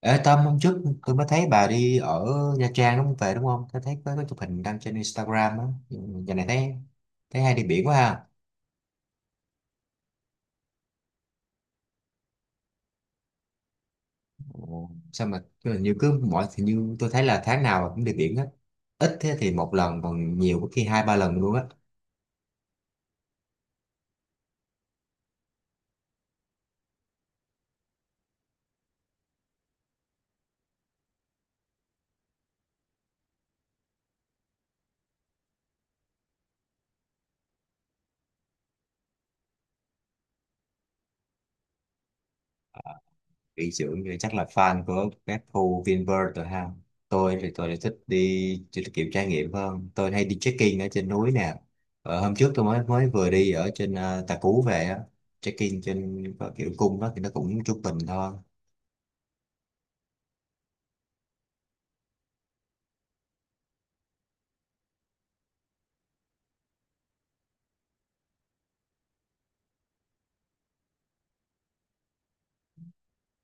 Ê Tâm, hôm trước tôi mới thấy bà đi ở Nha Trang đúng không? Về đúng không? Tôi thấy có cái chụp hình đăng trên Instagram á. Ừ, giờ này thấy thấy hay đi biển quá ha. Ồ, sao mà hình như cứ mỗi thì như tôi thấy là tháng nào cũng đi biển hết. Ít thế thì một lần, còn nhiều có khi hai ba lần luôn á. Nghỉ dưỡng thì chắc là fan của các khu Vinpearl rồi ha. Tôi thì tôi lại thích đi chỉ là kiểu trải nghiệm hơn, tôi hay đi trekking ở trên núi nè. Hôm trước tôi mới mới vừa đi ở trên Tà Cú về á, trekking trên có kiểu cung đó thì nó cũng trung bình thôi.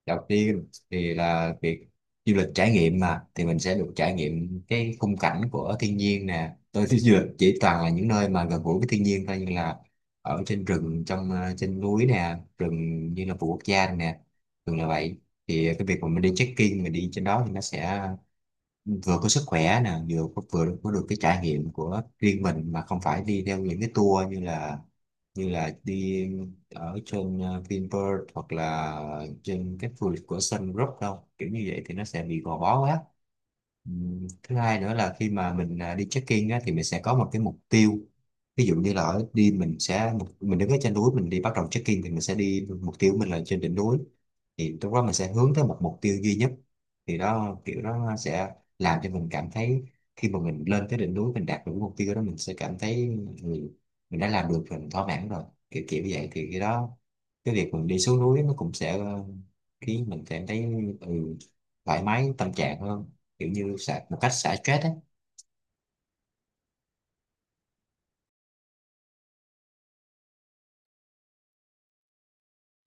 Đầu tiên thì là việc du lịch trải nghiệm mà, thì mình sẽ được trải nghiệm cái khung cảnh của thiên nhiên nè. Tôi thích du lịch chỉ toàn là những nơi mà gần gũi với thiên nhiên thôi, như là ở trên rừng, trong trên núi nè, rừng như là vườn quốc gia nè, thường là vậy. Thì cái việc mà mình đi trekking, mình đi trên đó thì nó sẽ vừa có sức khỏe nè, vừa có được cái trải nghiệm của riêng mình, mà không phải đi theo những cái tour như là đi ở trên Vinpearl hoặc là trên các khu du lịch của Sun Group đâu, kiểu như vậy thì nó sẽ bị gò bó quá. Thứ hai nữa là khi mà mình đi check-in á, thì mình sẽ có một cái mục tiêu. Ví dụ như là ở đi mình sẽ mình đứng ở trên núi, mình đi bắt đầu check-in thì mình sẽ đi mục tiêu của mình là trên đỉnh núi, thì lúc đó mình sẽ hướng tới một mục tiêu duy nhất. Thì đó, kiểu đó sẽ làm cho mình cảm thấy khi mà mình lên tới đỉnh núi, mình đạt được cái mục tiêu đó, mình sẽ cảm thấy mình, mình đã làm được rồi, mình thỏa mãn rồi, kiểu kiểu vậy. Thì cái đó, cái việc mình đi xuống núi nó cũng sẽ khiến mình cảm thấy ừ, thoải mái tâm trạng hơn, kiểu như xả, một cách xả stress á.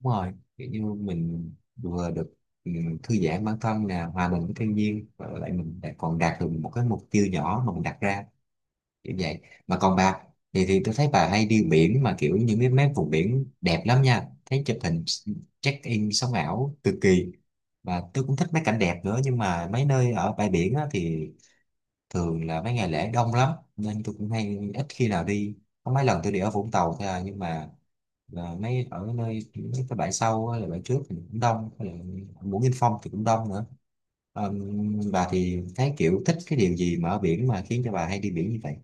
Đúng rồi, kiểu như mình vừa được ừ, thư giãn bản thân nè, hòa mình với thiên nhiên, và lại mình lại còn đạt được một cái mục tiêu nhỏ mà mình đặt ra, kiểu vậy. Mà còn bà thì tôi thấy bà hay đi biển, mà kiểu những cái mấy vùng biển đẹp lắm nha, thấy chụp hình check in sống ảo cực kỳ. Và tôi cũng thích mấy cảnh đẹp nữa, nhưng mà mấy nơi ở bãi biển á, thì thường là mấy ngày lễ đông lắm, nên tôi cũng hay ít khi nào đi. Có mấy lần tôi đi ở Vũng Tàu thôi à, nhưng mà là mấy ở nơi mấy cái bãi sau á, là bãi trước thì cũng đông, là Mũi Nghinh Phong thì cũng đông nữa. Ờm, bà thì thấy kiểu thích cái điều gì mà ở biển mà khiến cho bà hay đi biển như vậy?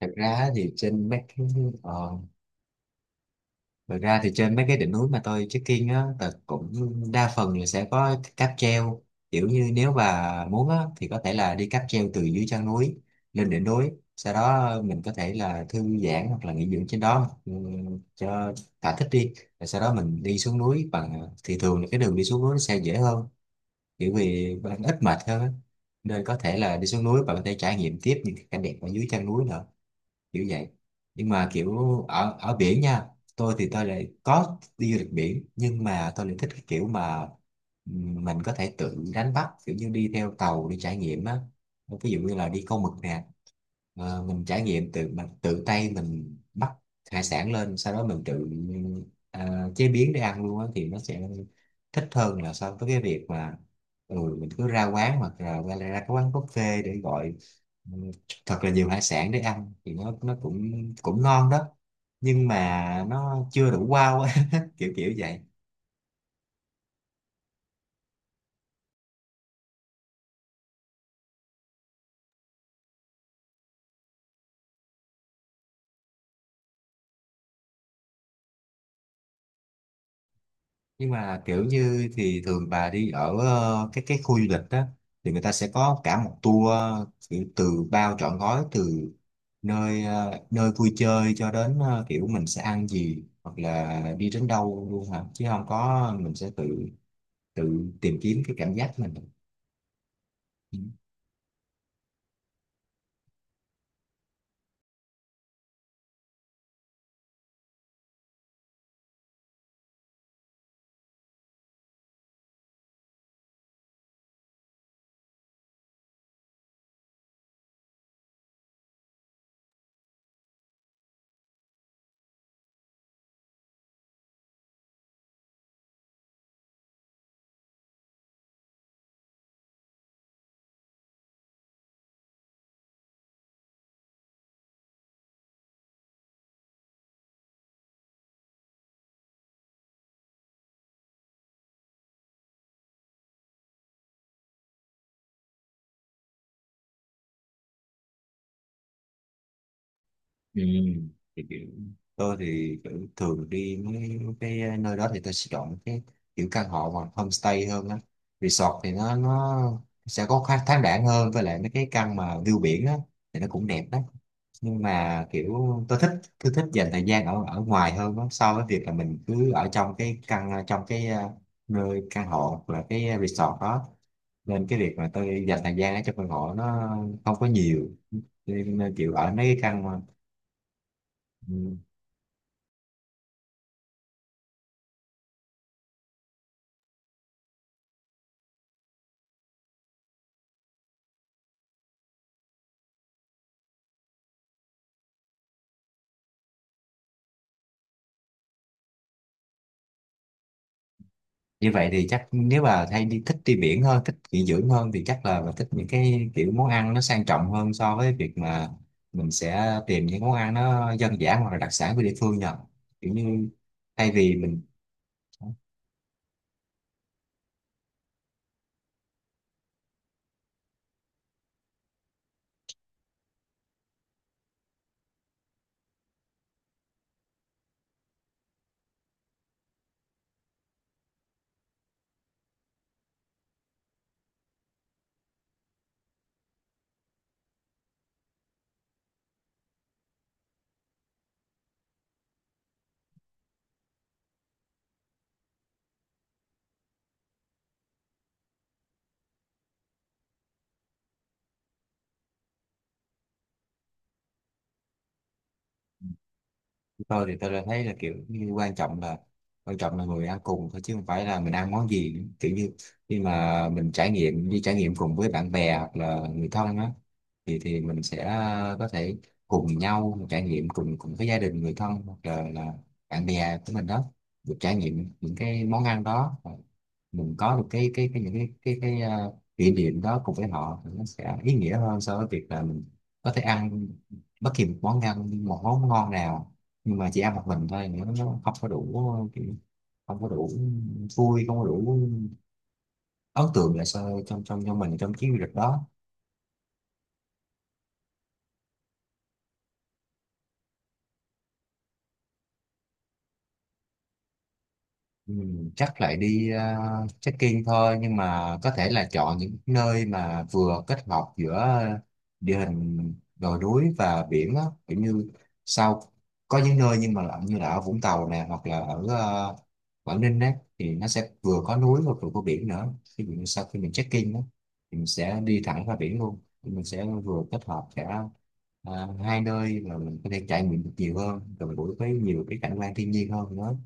thật ra thì trên mấy cái ờ, Thật ra thì trên mấy cái đỉnh núi mà tôi trekking á, là cũng đa phần là sẽ có cáp treo. Kiểu như nếu mà muốn á, thì có thể là đi cáp treo từ dưới chân núi lên đỉnh núi. Sau đó mình có thể là thư giãn hoặc là nghỉ dưỡng trên đó, cho thỏa thích đi. Rồi sau đó mình đi xuống núi bằng thì thường là cái đường đi xuống núi nó sẽ dễ hơn. Kiểu vì bạn ít mệt hơn á. Nên có thể là đi xuống núi bạn có thể trải nghiệm tiếp những cái cảnh đẹp ở dưới chân núi nữa, kiểu vậy. Nhưng mà kiểu ở ở biển nha, tôi thì tôi lại có đi du lịch biển, nhưng mà tôi lại thích cái kiểu mà mình có thể tự đánh bắt, kiểu như đi theo tàu đi trải nghiệm á. Ví dụ như là đi câu mực nè. Ờ, mình trải nghiệm tự mình tự tay mình bắt hải sản lên, sau đó mình tự chế biến để ăn luôn á, thì nó sẽ thích hơn là so với cái việc mà mình cứ ra quán hoặc là ra cái quán buffet để gọi thật là nhiều hải sản để ăn, thì nó cũng cũng ngon đó, nhưng mà nó chưa đủ wow á, kiểu kiểu vậy. Nhưng mà kiểu như thì thường bà đi ở cái khu du lịch đó thì người ta sẽ có cả một tour, kiểu từ bao trọn gói, từ nơi nơi vui chơi cho đến kiểu mình sẽ ăn gì hoặc là đi đến đâu luôn hả, chứ không có mình sẽ tự tự tìm kiếm cái cảm giác mình. Ừ. Ừ. Thì kiểu tôi thì kiểu thường đi mấy cái nơi đó thì tôi sẽ chọn cái kiểu căn hộ hoặc homestay hơn á. Resort thì nó sẽ có khá thoáng đãng hơn, với lại mấy cái căn mà view biển á thì nó cũng đẹp đó, nhưng mà kiểu tôi thích tôi thích dành thời gian ở ở ngoài hơn á, so với việc là mình cứ ở trong cái căn trong cái nơi căn hộ hoặc là cái resort đó. Nên cái việc mà tôi dành thời gian ở trong căn hộ nó không có nhiều, nên nên kiểu ở mấy cái căn mà, ừ, như vậy thì chắc nếu mà hay đi thích đi biển hơn, thích nghỉ dưỡng hơn, thì chắc là mình thích những cái kiểu món ăn nó sang trọng hơn so với việc mà mình sẽ tìm những món ăn nó dân dã hoặc là đặc sản của địa phương nhờ, kiểu như thay vì mình. Tôi thì tôi đã thấy là kiểu như quan trọng là người ăn cùng thôi, chứ không phải là mình ăn món gì nữa. Kiểu như khi mà mình trải nghiệm đi trải nghiệm cùng với bạn bè hoặc là người thân á, thì mình sẽ có thể cùng nhau trải nghiệm cùng cùng với gia đình người thân hoặc là bạn bè của mình đó, được trải nghiệm những cái món ăn đó. Và mình có được cái cái những cái cái kỷ niệm đó cùng với họ, thì nó sẽ ý nghĩa hơn so với việc là mình có thể ăn bất kỳ một món ăn, một món ngon nào, nhưng mà chỉ ăn một mình thôi, nữa nó không có đủ kiểu, không có đủ vui, không có đủ ấn tượng lại sao trong trong trong mình trong chuyến du lịch đó. Ừ, chắc lại đi in thôi, nhưng mà có thể là chọn những nơi mà vừa kết hợp giữa địa hình đồi núi và biển á, kiểu như sau có những nơi, nhưng mà là như là ở Vũng Tàu nè hoặc là ở Quảng Ninh đấy, thì nó sẽ vừa có núi và vừa có biển nữa. Ví dụ như sau khi mình trekking đó thì mình sẽ đi thẳng ra biển luôn. Thì mình sẽ vừa kết hợp cả hai nơi và mình có thể trải nghiệm được nhiều hơn, gần gũi với nhiều cái cảnh quan thiên nhiên hơn nữa.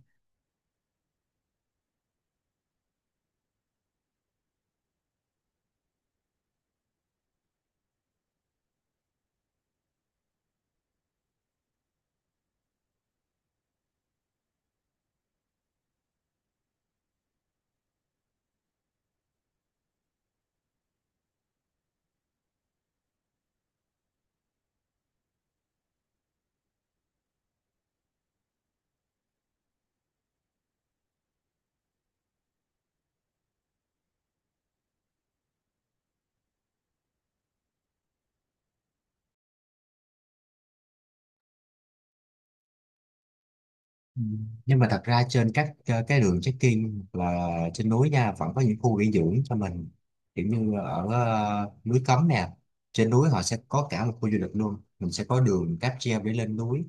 Ừ. Nhưng mà thật ra trên các cái đường trekking hoặc là trên núi nha, vẫn có những khu nghỉ dưỡng cho mình, kiểu như ở núi Cấm nè, trên núi họ sẽ có cả một khu du lịch luôn, mình sẽ có đường cáp treo để lên núi,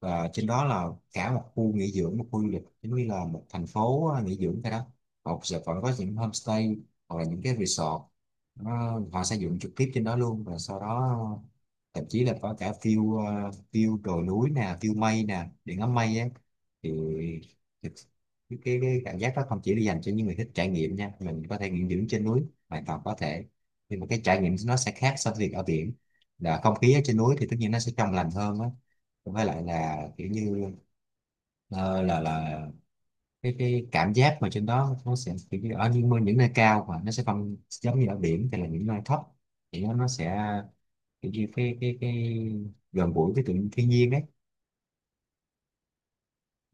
và trên đó là cả một khu nghỉ dưỡng, một khu du lịch giống như là một thành phố nghỉ dưỡng. Cái đó họ sẽ vẫn có những homestay hoặc là những cái resort. Họ sẽ dựng trực tiếp trên đó luôn, và sau đó thậm chí là có cả view view đồi núi nè, view mây nè, điện ngắm mây á, thì thực- cái cảm giác đó không chỉ là dành cho những người thích trải nghiệm nha, mình có thể nghỉ dưỡng trên núi hoàn toàn có thể. Nhưng mà cái trải nghiệm nó sẽ khác so với việc ở biển, là không khí ở trên núi thì tất nhiên nó sẽ trong lành hơn á, với lại là kiểu như ờ, là cái cảm giác mà trên đó nó sẽ kiểu như ở những nơi cao, mà nó sẽ không giống như ở biển thì là những nơi thấp, thì nó sẽ kiểu như cái cái gần gũi với tự nhiên thiên nhiên đấy.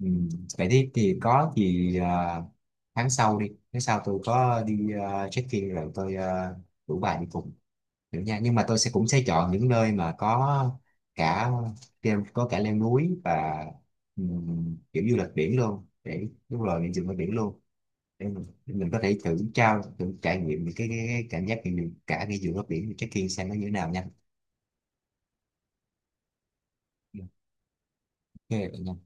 Ừ. Vậy thì có gì à, tháng sau đi, tháng sau tôi có đi check-in rồi tôi rủ bà đi cùng được nha, nhưng mà tôi sẽ cũng sẽ chọn những nơi mà có cả có cả leo núi và kiểu du lịch biển luôn, để đúng rồi mình dừng ở biển luôn, để để mình có thể thử thử trải nghiệm những cái cảm giác mình cả ngay giữa nước biển check-in xem nó như thế nào nha. Ok.